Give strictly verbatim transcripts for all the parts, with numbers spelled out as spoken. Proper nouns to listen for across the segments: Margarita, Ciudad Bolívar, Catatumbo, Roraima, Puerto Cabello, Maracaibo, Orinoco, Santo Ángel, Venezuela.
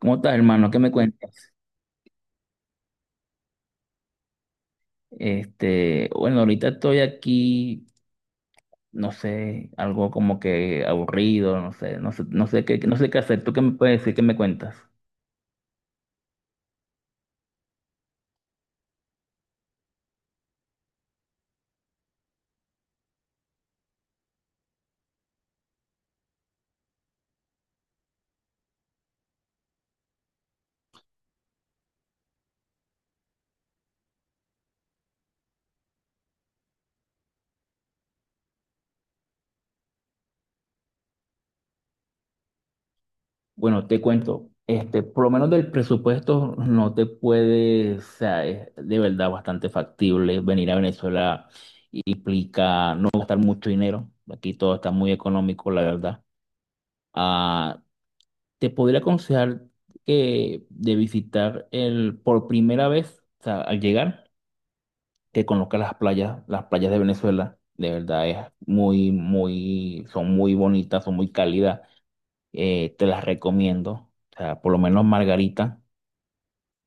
¿Cómo estás, hermano? ¿Qué me cuentas? Este, bueno, ahorita estoy aquí, no sé, algo como que aburrido, no sé, no sé, no sé qué, no sé qué hacer. ¿Tú qué me puedes decir? ¿Qué me cuentas? Bueno, te cuento, este, por lo menos del presupuesto no te puede, o sea, es de verdad bastante factible venir a Venezuela, implica no gastar mucho dinero. Aquí todo está muy económico, la verdad. Ah, te podría aconsejar que de visitar el por primera vez, o sea, al llegar, que conozcas las playas, las playas de Venezuela. De verdad es muy, muy, son muy bonitas, son muy cálidas. Eh, te las recomiendo. O sea, por lo menos Margarita,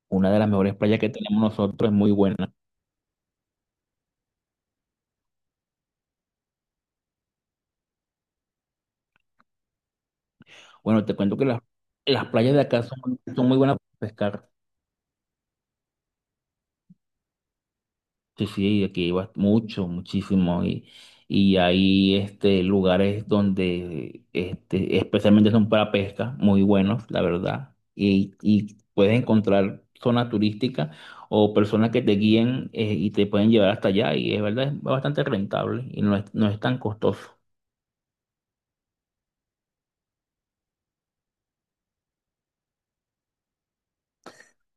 una de las mejores playas que tenemos nosotros, es muy buena. Bueno, te cuento que las, las playas de acá son, son muy buenas para pescar. Sí, sí, aquí iba mucho, muchísimo. Y, y hay este, lugares donde este, especialmente son para pesca, muy buenos, la verdad. Y, y puedes encontrar zonas turísticas o personas que te guíen, eh, y te pueden llevar hasta allá. Y es verdad, es bastante rentable y no es, no es tan costoso.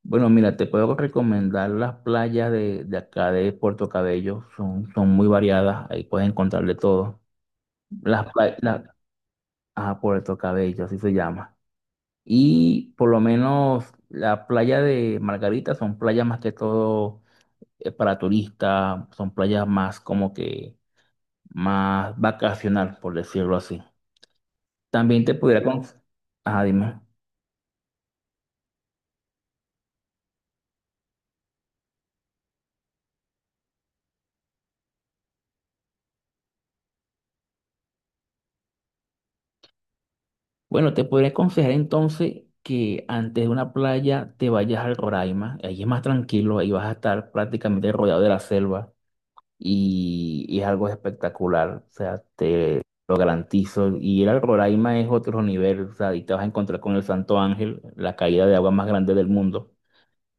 Bueno, mira, te puedo recomendar las playas de, de acá de Puerto Cabello. Son, son muy variadas, ahí puedes encontrar de todo. Las playas, ah, Puerto Cabello, así se llama. Y por lo menos la playa de Margarita son playas más que todo, eh, para turistas, son playas más como que más vacacional, por decirlo así. También te pudiera con... Ajá, dime. Bueno, te podría aconsejar entonces que antes de una playa te vayas al Roraima, ahí es más tranquilo, ahí vas a estar prácticamente rodeado de la selva. Y, y es algo espectacular, o sea, te lo garantizo. Y ir al Roraima es otro nivel, o sea, y te vas a encontrar con el Santo Ángel, la caída de agua más grande del mundo.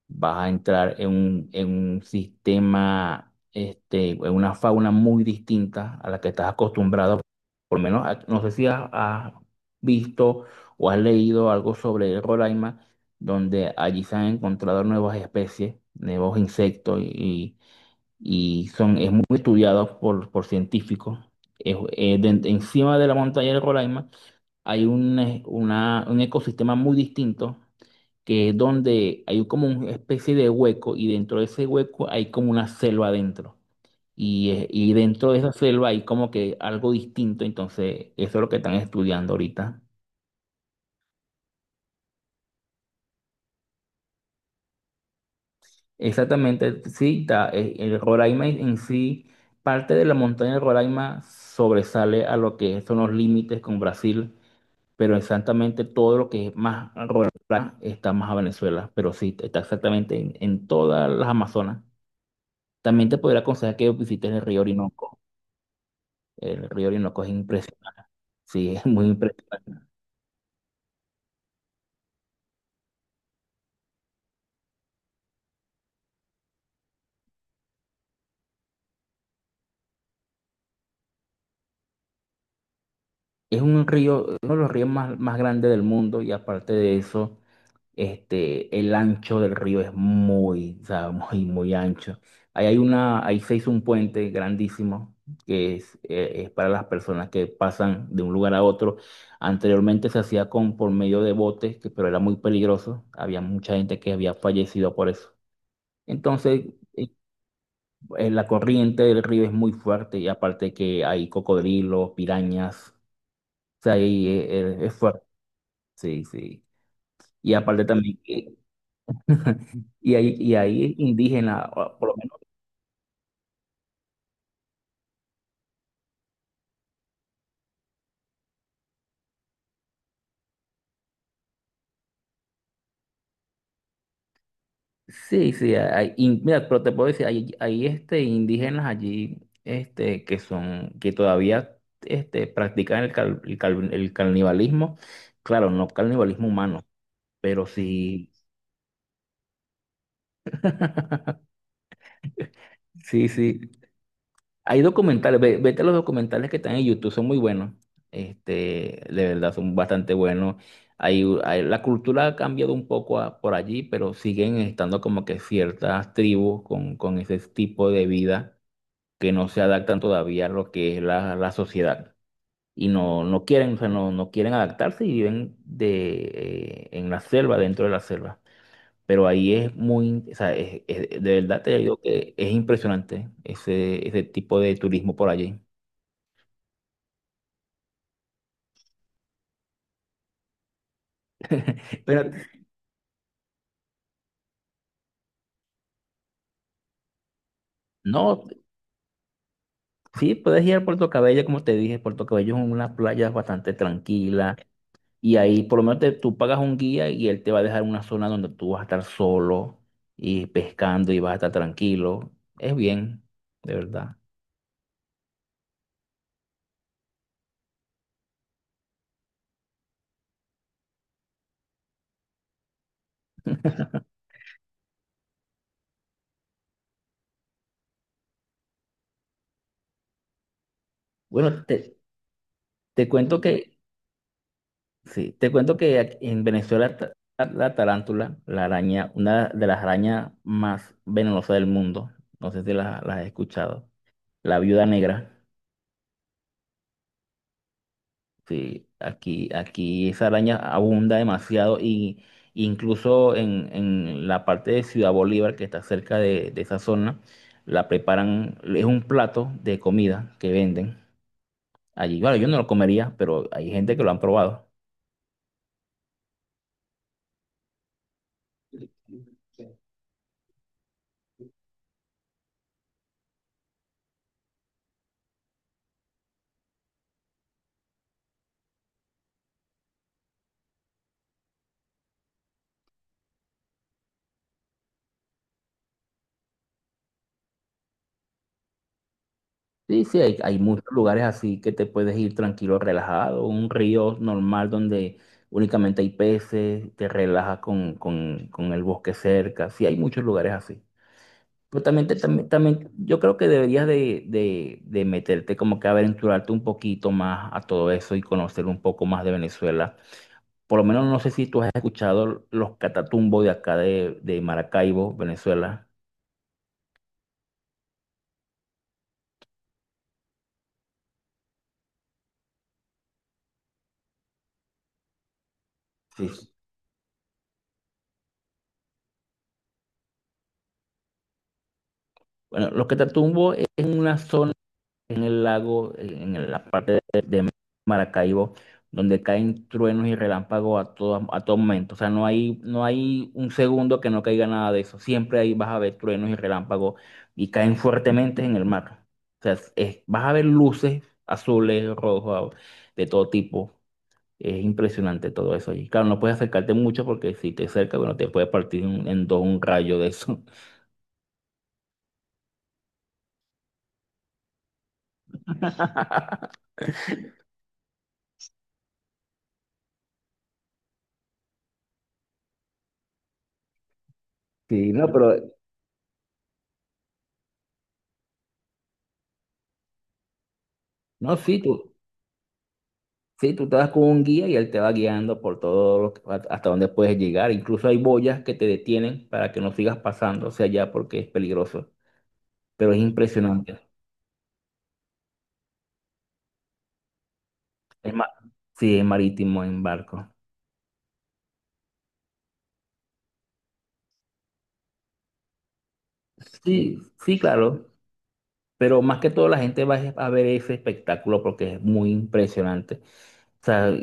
Vas a entrar en un, en un sistema, este, en una fauna muy distinta a la que estás acostumbrado. Por lo menos, a- no sé si has, has visto o has leído algo sobre el Roraima, donde allí se han encontrado nuevas especies, nuevos insectos y son, es muy estudiado por, por científicos. Es- eh, de- de encima de la montaña del Roraima hay un, eh, una- un ecosistema muy distinto, que es donde hay como una especie de hueco y dentro de ese hueco hay como una selva adentro. Y, eh, y dentro de esa selva hay como que algo distinto, entonces eso es lo que están estudiando ahorita. Exactamente, sí, está, eh, el Roraima en sí, parte de la montaña del Roraima sobresale a lo que son los límites con Brasil, pero exactamente todo lo que es más rural está más a Venezuela, pero sí, está exactamente en, en todas las Amazonas. También te podría aconsejar que visites el río Orinoco. El río Orinoco es impresionante. Sí, es muy impresionante. Es un río, uno de los ríos más, más grandes del mundo, y aparte de eso, Este, el ancho del río es muy, o sea, muy, muy ancho. Ahí hay una, ahí se hizo un puente grandísimo que es, eh, es para las personas que pasan de un lugar a otro. Anteriormente se hacía con, por medio de botes, que, pero era muy peligroso. Había mucha gente que había fallecido por eso. Entonces, eh, eh, la corriente del río es muy fuerte y aparte que hay cocodrilos, pirañas, o sea, ahí eh, eh, es fuerte. Sí, sí. Y aparte también que y ahí, y ahí indígenas, o por lo menos. Sí, sí, hay, in- mira, pero te puedo decir, hay, hay este, indígenas allí este, que son, que todavía este, practican el, cal- el, cal- el canibalismo. Claro, no canibalismo humano, pero sí. Sí, sí. Hay documentales, ve- vete a los documentales que están en YouTube, son muy buenos. Este, de verdad, son bastante buenos. Hay, hay- la cultura ha cambiado un poco a- por allí, pero siguen estando como que ciertas tribus con, con ese tipo de vida que no se adaptan todavía a lo que es la, la sociedad. Y no, no quieren, o sea, no, no quieren adaptarse y viven de, eh, en la selva, dentro de la selva. Pero ahí es muy, o sea, es- es- de verdad te digo que es impresionante ese, ese tipo de turismo por allí. Pero no, sí, puedes ir a Puerto Cabello, como te dije, Puerto Cabello es una playa bastante tranquila y ahí por lo menos te- tú pagas un guía y él te va a dejar una zona donde tú vas a estar solo y pescando y vas a estar tranquilo. Es bien, de verdad. Bueno, te, te cuento. Mm. Que, sí, te cuento que aquí en Venezuela ta- la, tarántula, la araña, una de las arañas más venenosas del mundo, no sé si las la la has escuchado, la viuda negra. Sí, aquí, aquí esa araña abunda demasiado y incluso en, en la parte de Ciudad Bolívar que está cerca de, de esa zona, la preparan, es un plato de comida que venden allí. Bueno, yo no lo comería, pero hay gente que lo han probado. Sí, sí, hay, hay muchos lugares así que te puedes ir tranquilo, relajado, un río normal donde únicamente hay peces, te relajas con, con, con el bosque cerca. Sí, hay muchos lugares así. Pero también, te- también, también yo creo que deberías de, de, de meterte como que a aventurarte un poquito más a todo eso y conocer un poco más de Venezuela. Por lo menos no sé si tú has escuchado los catatumbos de acá de, de Maracaibo, Venezuela. Sí. Bueno, los Catatumbo es una zona en el lago, eh, en la parte de, de Maracaibo, donde caen truenos y relámpagos a todo, a todo momento. O sea, no hay, no hay un segundo que no caiga nada de eso. Siempre ahí vas a ver truenos y relámpagos y caen fuertemente en el mar. O sea, es- es- vas a ver luces azules, rojos, de todo tipo. Es impresionante todo eso allí. Claro, no puedes acercarte mucho porque si te acercas, bueno, te puede partir en, en dos un rayo de eso. Sí, no, pero no, sí, tú. Sí, tú te vas con un guía y él te va guiando por todo lo que- hasta donde puedes llegar. Incluso hay boyas que te detienen para que no sigas pasando hacia allá porque es peligroso. Pero es impresionante. Es ma- sí, es marítimo en barco. Sí, sí, claro. Pero más que todo la gente va a ver ese espectáculo porque es muy impresionante. O sea,